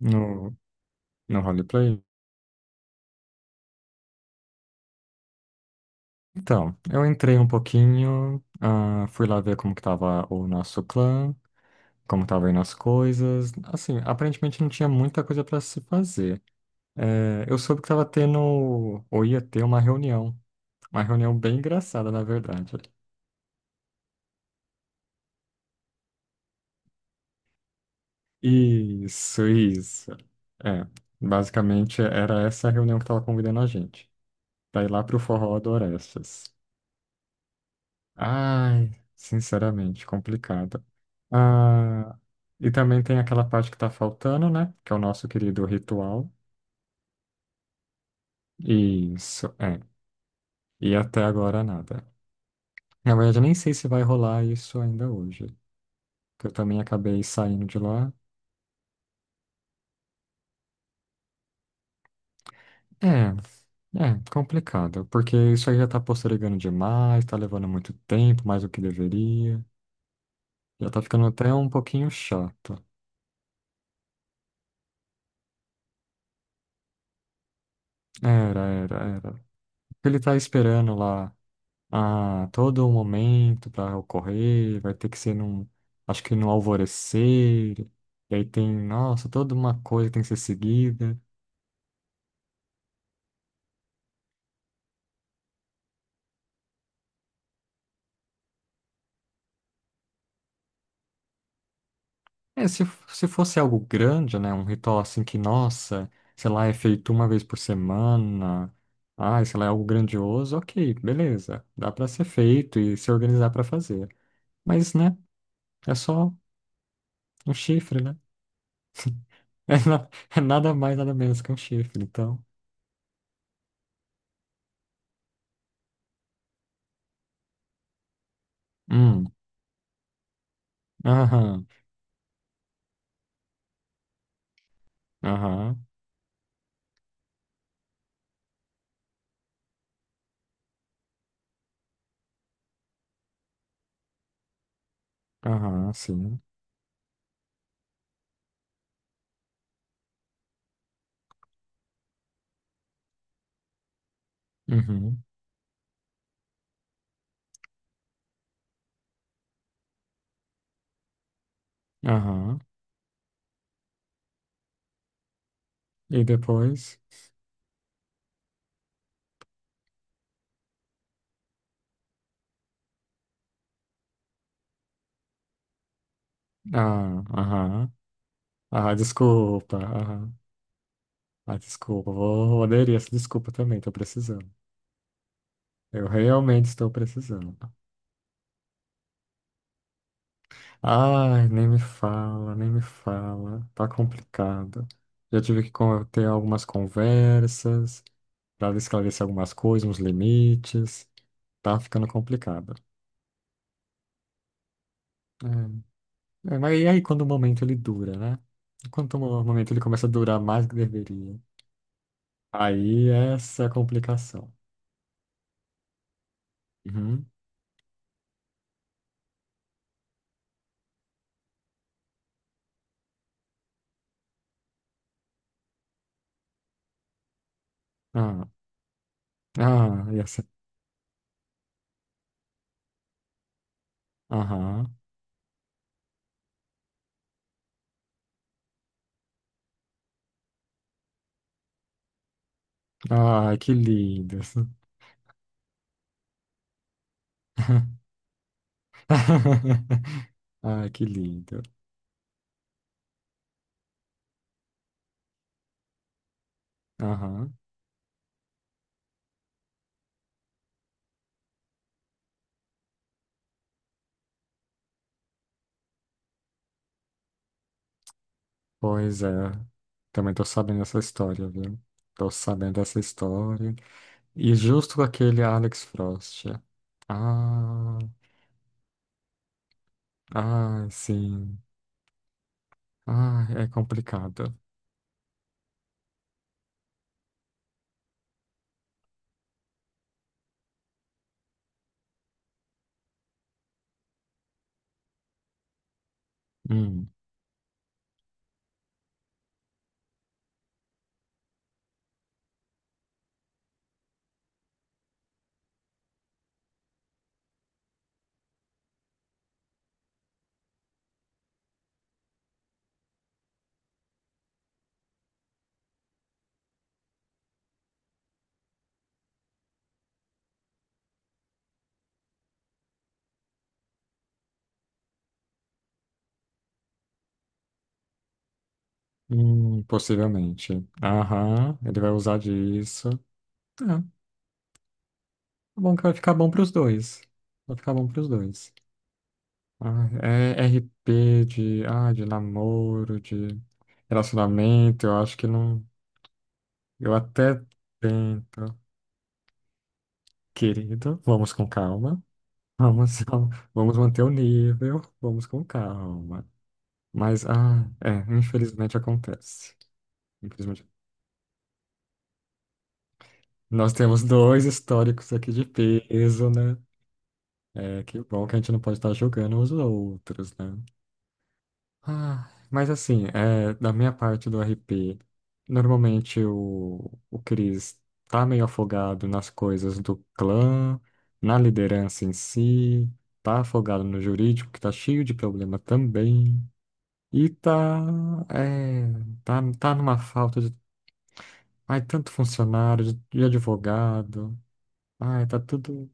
No, no roleplay? Então, eu entrei um pouquinho, fui lá ver como que tava o nosso clã, como tava aí nas coisas. Assim, aparentemente não tinha muita coisa para se fazer. É, eu soube que tava tendo, ou ia ter uma reunião. Uma reunião bem engraçada, na verdade. Isso, isso. É, basicamente era essa a reunião que tava convidando a gente. Pra ir lá pro Forró do Orestes. Ai, sinceramente, complicado. Ah, e também tem aquela parte que tá faltando, né? Que é o nosso querido ritual. Isso, é. E até agora nada. Na verdade, eu nem sei se vai rolar isso ainda hoje. Que eu também acabei saindo de lá. É, é, complicado. Porque isso aí já tá postergando demais, tá levando muito tempo, mais do que deveria. Já tá ficando até um pouquinho chato. Era, era, era. Ele tá esperando lá a todo momento para ocorrer, vai ter que ser num, acho que no alvorecer, e aí tem, nossa, toda uma coisa que tem que ser seguida. É, se fosse algo grande, né, um ritual assim que, nossa, sei lá, é feito uma vez por semana, sei lá, é algo grandioso, ok, beleza, dá para ser feito e se organizar para fazer. Mas, né, é só um chifre, né? É, na- É nada mais, nada menos que um chifre, então. Hum, aham, aham. Aham, sim. Uhum. Aham. E depois? Ah, aham. Ah, desculpa. Aham. Ah, desculpa. Vou aderir essa desculpa também. Tô precisando. Eu realmente estou precisando. Ai, nem me fala, nem me fala. Tá complicado. Já tive que ter algumas conversas para esclarecer algumas coisas, uns limites. Tá ficando complicado. É. É, mas e aí quando o momento ele dura, né? Quando o momento ele começa a durar mais do que deveria. Aí essa é a complicação. Uhum. Ah, ah, essa. Aham. Ah, que lindo. Ah, que lindo. Aham. Pois é. Também tô sabendo essa história, viu? Tô sabendo essa história. E justo com aquele Alex Frost. Ah, ah, sim. Ah, é complicado. Hum. Possivelmente. Aham, ele vai usar disso. Ah, tá bom que vai ficar bom pros dois. Vai ficar bom pros dois. Ah, é RP de, ah, de namoro, de relacionamento, eu acho que não. Eu até tento. Querido, vamos com calma. Vamos, vamos manter o nível, vamos com calma. Mas, ah, é, infelizmente acontece. Infelizmente. Nós temos dois históricos aqui de peso, né? É, que bom que a gente não pode estar julgando os outros, né? Ah, mas assim, é, da minha parte do RP, normalmente o Chris tá meio afogado nas coisas do clã, na liderança em si, tá afogado no jurídico, que tá cheio de problema também, e tá, é, tá numa falta de, ai, tanto funcionário, de advogado, ai, tá tudo.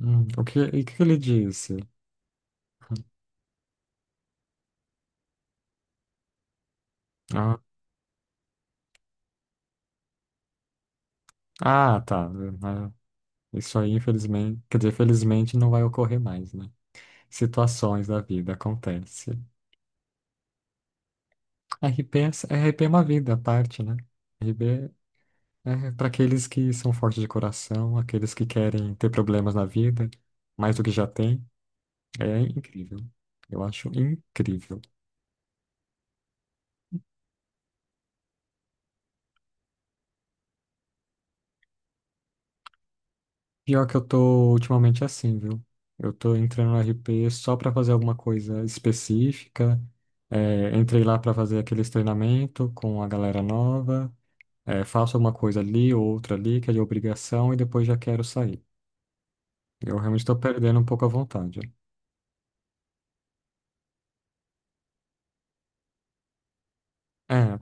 O que, e o que ele disse? Ah, ah, tá. Né? Isso aí, infelizmente, quer dizer, felizmente não vai ocorrer mais, né? Situações da vida acontecem. RP é, RP é uma vida à parte, né? RP é para aqueles que são fortes de coração, aqueles que querem ter problemas na vida, mais do que já tem. É incrível. Eu acho incrível. Pior que eu tô ultimamente assim, viu? Eu tô entrando no RP só pra fazer alguma coisa específica. É, entrei lá pra fazer aqueles treinamento com a galera nova. É, faço uma coisa ali, outra ali, que é de obrigação, e depois já quero sair. Eu realmente estou perdendo um pouco a vontade. É,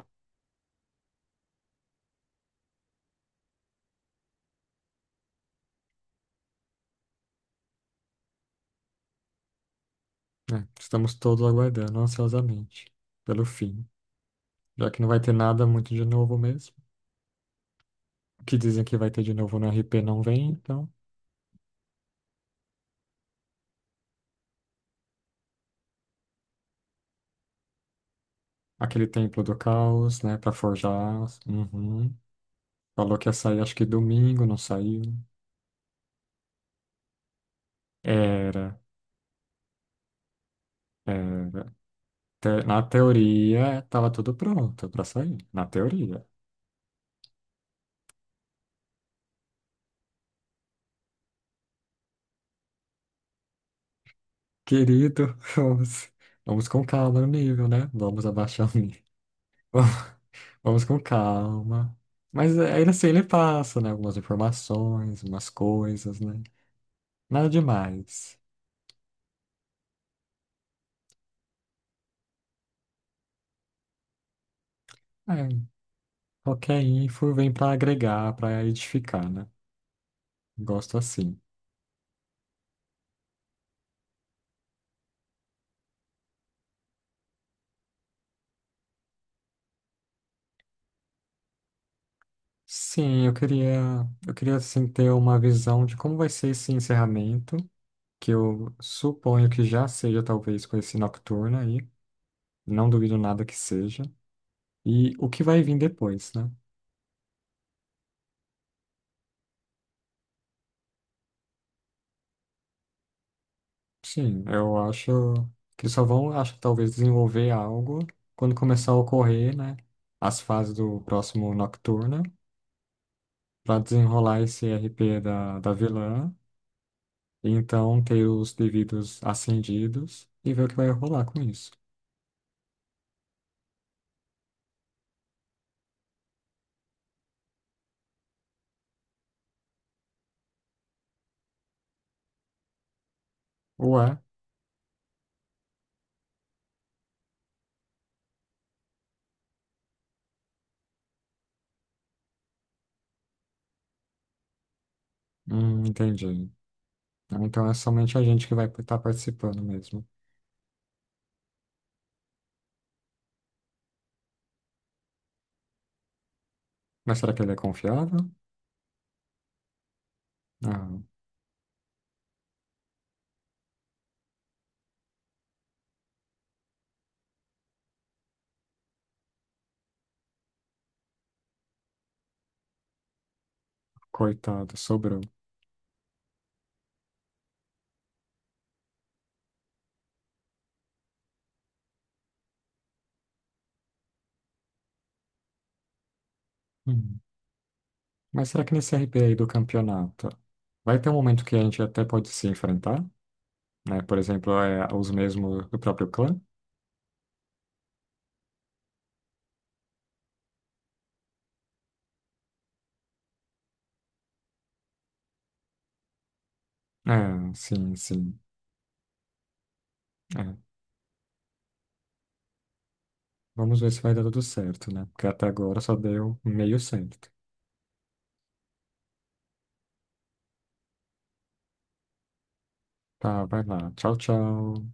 é, estamos todos aguardando ansiosamente pelo fim, já que não vai ter nada muito de novo mesmo. O que dizem que vai ter de novo no RP não vem, então. Aquele templo do caos, né, pra forjar. Uhum. Falou que ia sair, acho que domingo, não saiu. Era, era. Na teoria, tava tudo pronto pra sair. Na teoria. Querido, vamos com calma no nível, né? Vamos abaixar o nível. Vamos com calma. Mas é, ainda assim, ele passa, né? Algumas informações, umas coisas, né? Nada demais. É, qualquer info vem para agregar, para edificar, né? Gosto assim. Sim, eu queria assim ter uma visão de como vai ser esse encerramento, que eu suponho que já seja talvez com esse Nocturna aí. Não duvido nada que seja. E o que vai vir depois, né? Sim, eu acho que eles só vão, acho que talvez desenvolver algo quando começar a ocorrer, né? As fases do próximo Nocturna, para desenrolar esse RP da vilã, e então ter os devidos acendidos e ver o que vai rolar com isso. Ué, entendi. Então é somente a gente que vai estar participando mesmo. Mas será que ele é confiável? Ah, coitado, sobrou. Hum. Mas será que nesse RP aí do campeonato vai ter um momento que a gente até pode se enfrentar? Né? Por exemplo, é, os mesmos do próprio clã? É, sim, sim. É. Vamos ver se vai dar tudo certo, né? Porque até agora só deu meio certo. Tá, vai lá. Tchau, tchau.